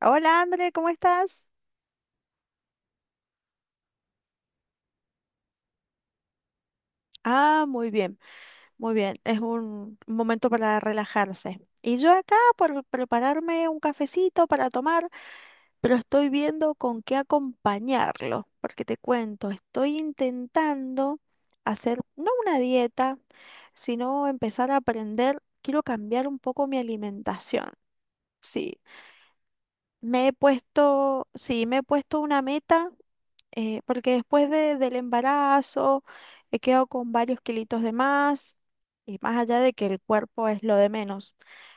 Hola, André, ¿cómo estás? Ah, muy bien, muy bien. Es un momento para relajarse. Y yo acá por prepararme un cafecito para tomar, pero estoy viendo con qué acompañarlo, porque te cuento, estoy intentando hacer no una dieta, sino empezar a aprender, quiero cambiar un poco mi alimentación. Sí, me he puesto, sí, me he puesto una meta, porque después del embarazo he quedado con varios kilitos de más, y más allá de que el cuerpo es lo de menos.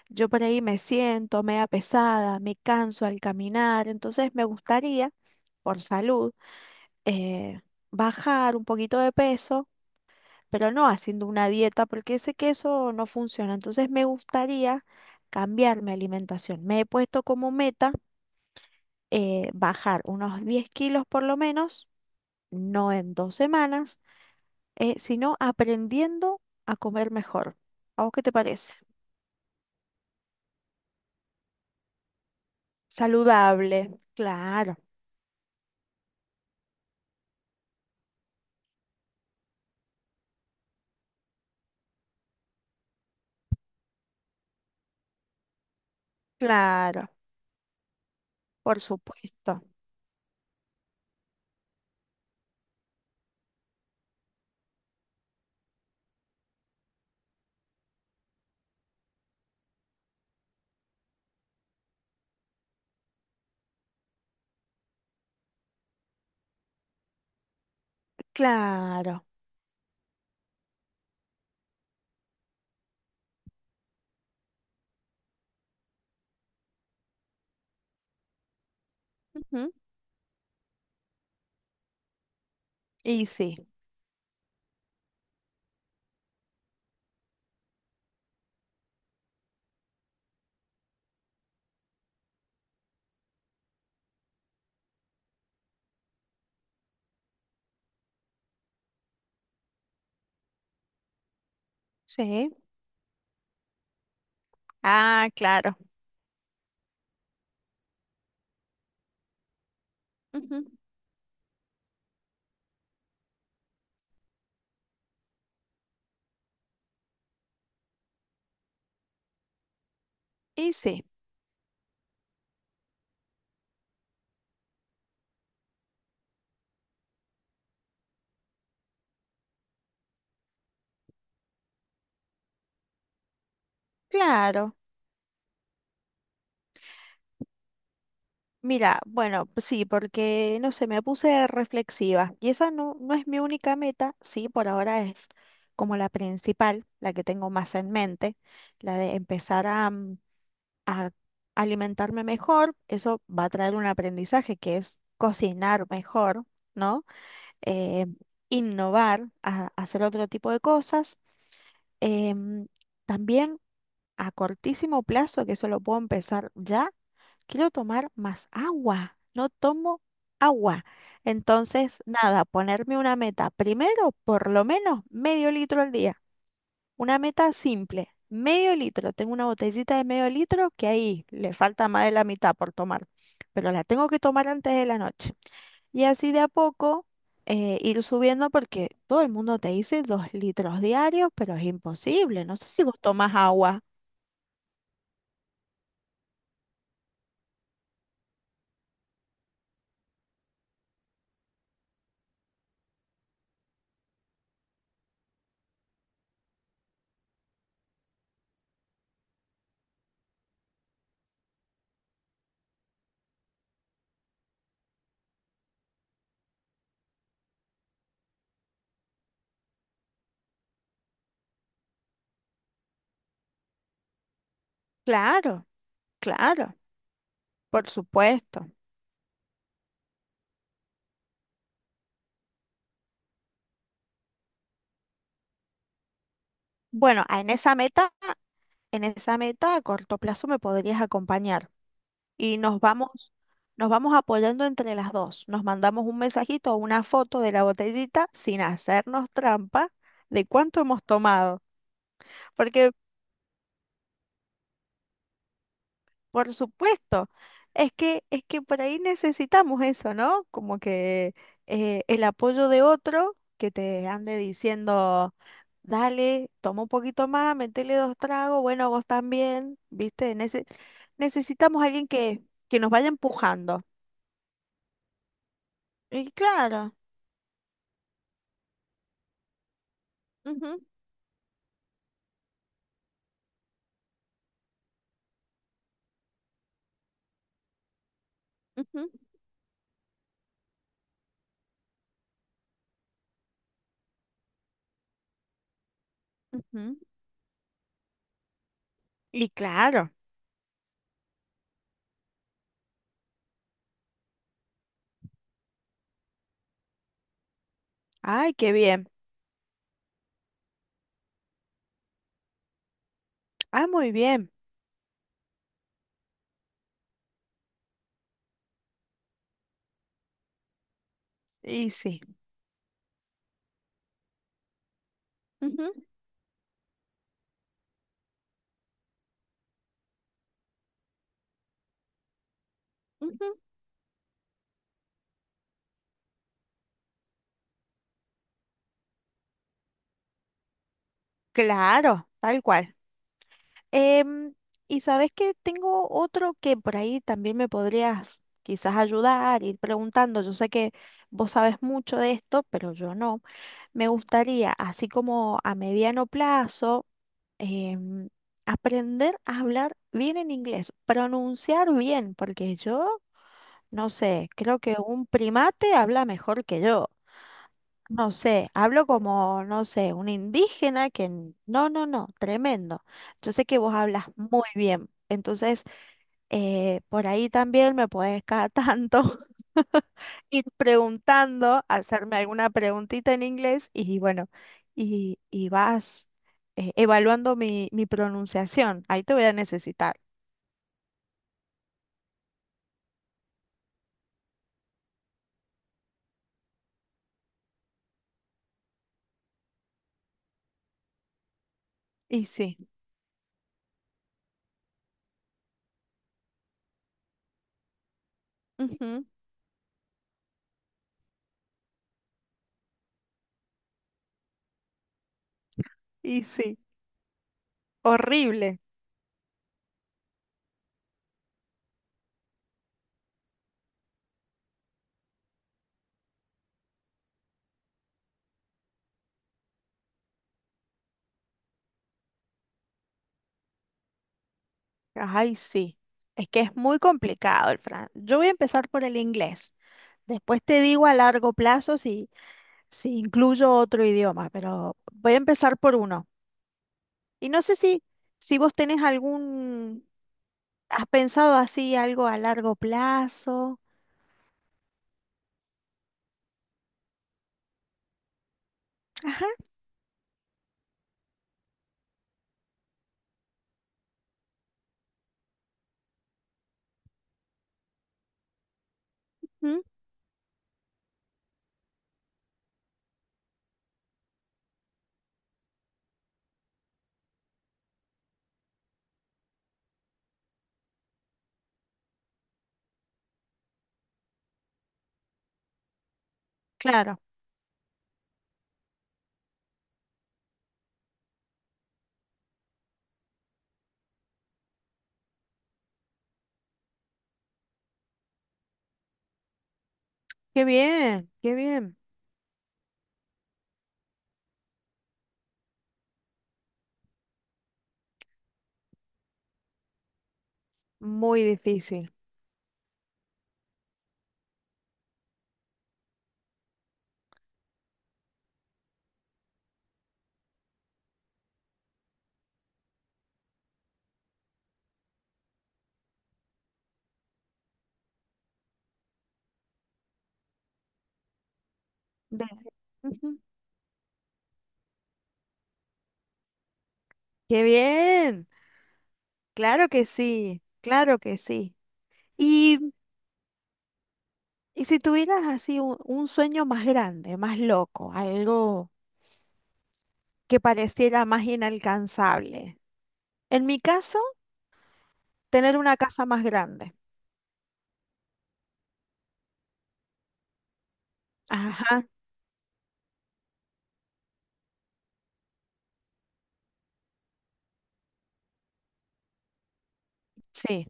Yo por ahí me siento media pesada, me canso al caminar, entonces me gustaría, por salud, eh, bajar un poquito de peso, pero no haciendo una dieta porque sé que eso no funciona. Entonces me gustaría cambiar mi alimentación. Me he puesto como meta, bajar unos 10 kilos por lo menos, no en 2 semanas, sino aprendiendo a comer mejor. ¿A vos qué te parece? Saludable, claro, claro, por supuesto, claro. Ujú. Y sí, sí. Ah, claro. Ujú. Y sí, claro. Mira, bueno, pues sí, porque no sé, me puse reflexiva, y esa no, no es mi única meta, sí, por ahora es como la principal, la que tengo más en mente, la de empezar a alimentarme mejor. Eso va a traer un aprendizaje, que es cocinar mejor, ¿no? Eh, innovar, a- hacer otro tipo de cosas. Em, También a cortísimo plazo, que eso lo puedo empezar ya, quiero tomar más agua. No tomo agua. Entonces, nada, ponerme una meta. Primero, por lo menos medio litro al día. Una meta simple, medio litro. Tengo una botellita de medio litro que ahí le falta más de la mitad por tomar, pero la tengo que tomar antes de la noche. Y así de a poco, ir subiendo, porque todo el mundo te dice 2 litros diarios, pero es imposible. No sé si vos tomas agua. Claro, claro, por supuesto. Bueno, en esa meta a corto plazo me podrías acompañar, y nos vamos apoyando entre las dos. Nos mandamos un mensajito o una foto de la botellita, sin hacernos trampa, de cuánto hemos tomado. Porque, por supuesto, es que por ahí necesitamos eso, ¿no? Como que, el apoyo de otro, que te ande diciendo, dale, toma un poquito más, metele dos tragos, bueno, vos también, ¿viste? Nece- necesitamos a alguien que nos vaya empujando. Y claro. Ujú, ujú. Ujú. Y claro. Ay, qué bien. Ah, muy bien. Y sí. Ujú, ujú. Claro, tal cual. Em, y sabes que tengo otro que por ahí también me podrías quizás ayudar, ir preguntando. Yo sé que vos sabes mucho de esto, pero yo no. Me gustaría, así como a mediano plazo, em, aprender a hablar bien en inglés, pronunciar bien, porque yo, no sé, creo que un primate habla mejor que yo. No sé, hablo como, no sé, un indígena que... No, no, no, tremendo. Yo sé que vos hablas muy bien. Entonces, por ahí también me podés cada tanto ir preguntando, hacerme alguna preguntita en inglés, y bueno, y vas evaluando mi, mi pronunciación. Ahí te voy a necesitar. Y sí, ujú, y sí, horrible. Ay, sí, es que es muy complicado el francés. Yo voy a empezar por el inglés. Después te digo a largo plazo si incluyo otro idioma, pero voy a empezar por uno. Y no sé si vos tenés algún, has pensado así algo a largo plazo. Ajá, mm, claro. Qué bien, qué bien. Muy difícil. Ve- ujú. Qué bien. Claro que sí, claro que sí. Y, y si tuvieras así un sueño más grande, más loco, algo que pareciera más inalcanzable. En mi caso... Tener una casa más grande. Ajá, sí,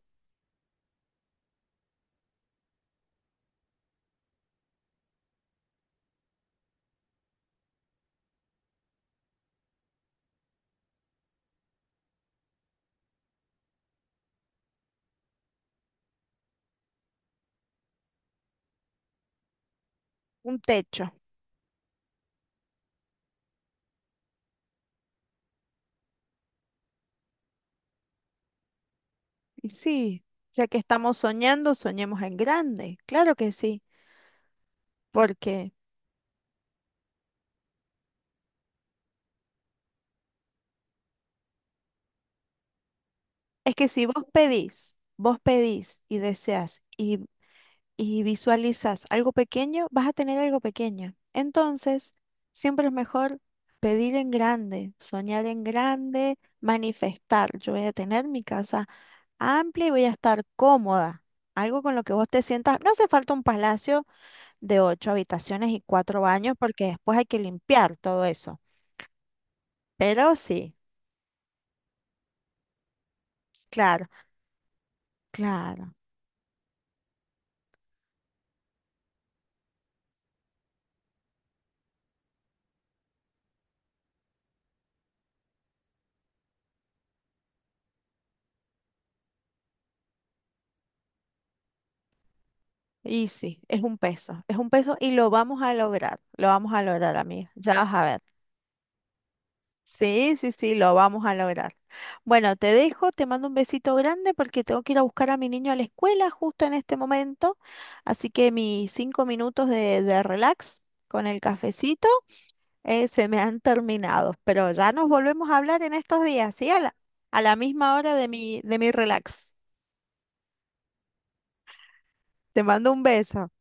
un techo. Y sí, ya que estamos soñando, soñemos en grande. Claro que sí, porque es que si vos pedís, vos pedís y deseas y visualizas algo pequeño, vas a tener algo pequeño. Entonces, siempre es mejor pedir en grande, soñar en grande, manifestar. Yo voy a tener mi casa amplia y voy a estar cómoda. Algo con lo que vos te sientas. No hace falta un palacio de ocho habitaciones y cuatro baños, porque después hay que limpiar todo eso. Pero sí, claro, claro. Y sí, es un peso, es un peso, y lo vamos a lograr, lo vamos a lograr, amiga. Ya vas a ver. Sí, sí, sí, lo vamos a lograr. Bueno, te dejo, te mando un besito grande porque tengo que ir a buscar a mi niño a la escuela justo en este momento. Así que mis 5 minutos de relax con el cafecito, eh, se me han terminado, pero ya nos volvemos a hablar en estos días, ¿sí? A la misma hora de mi relax. Te mando un beso.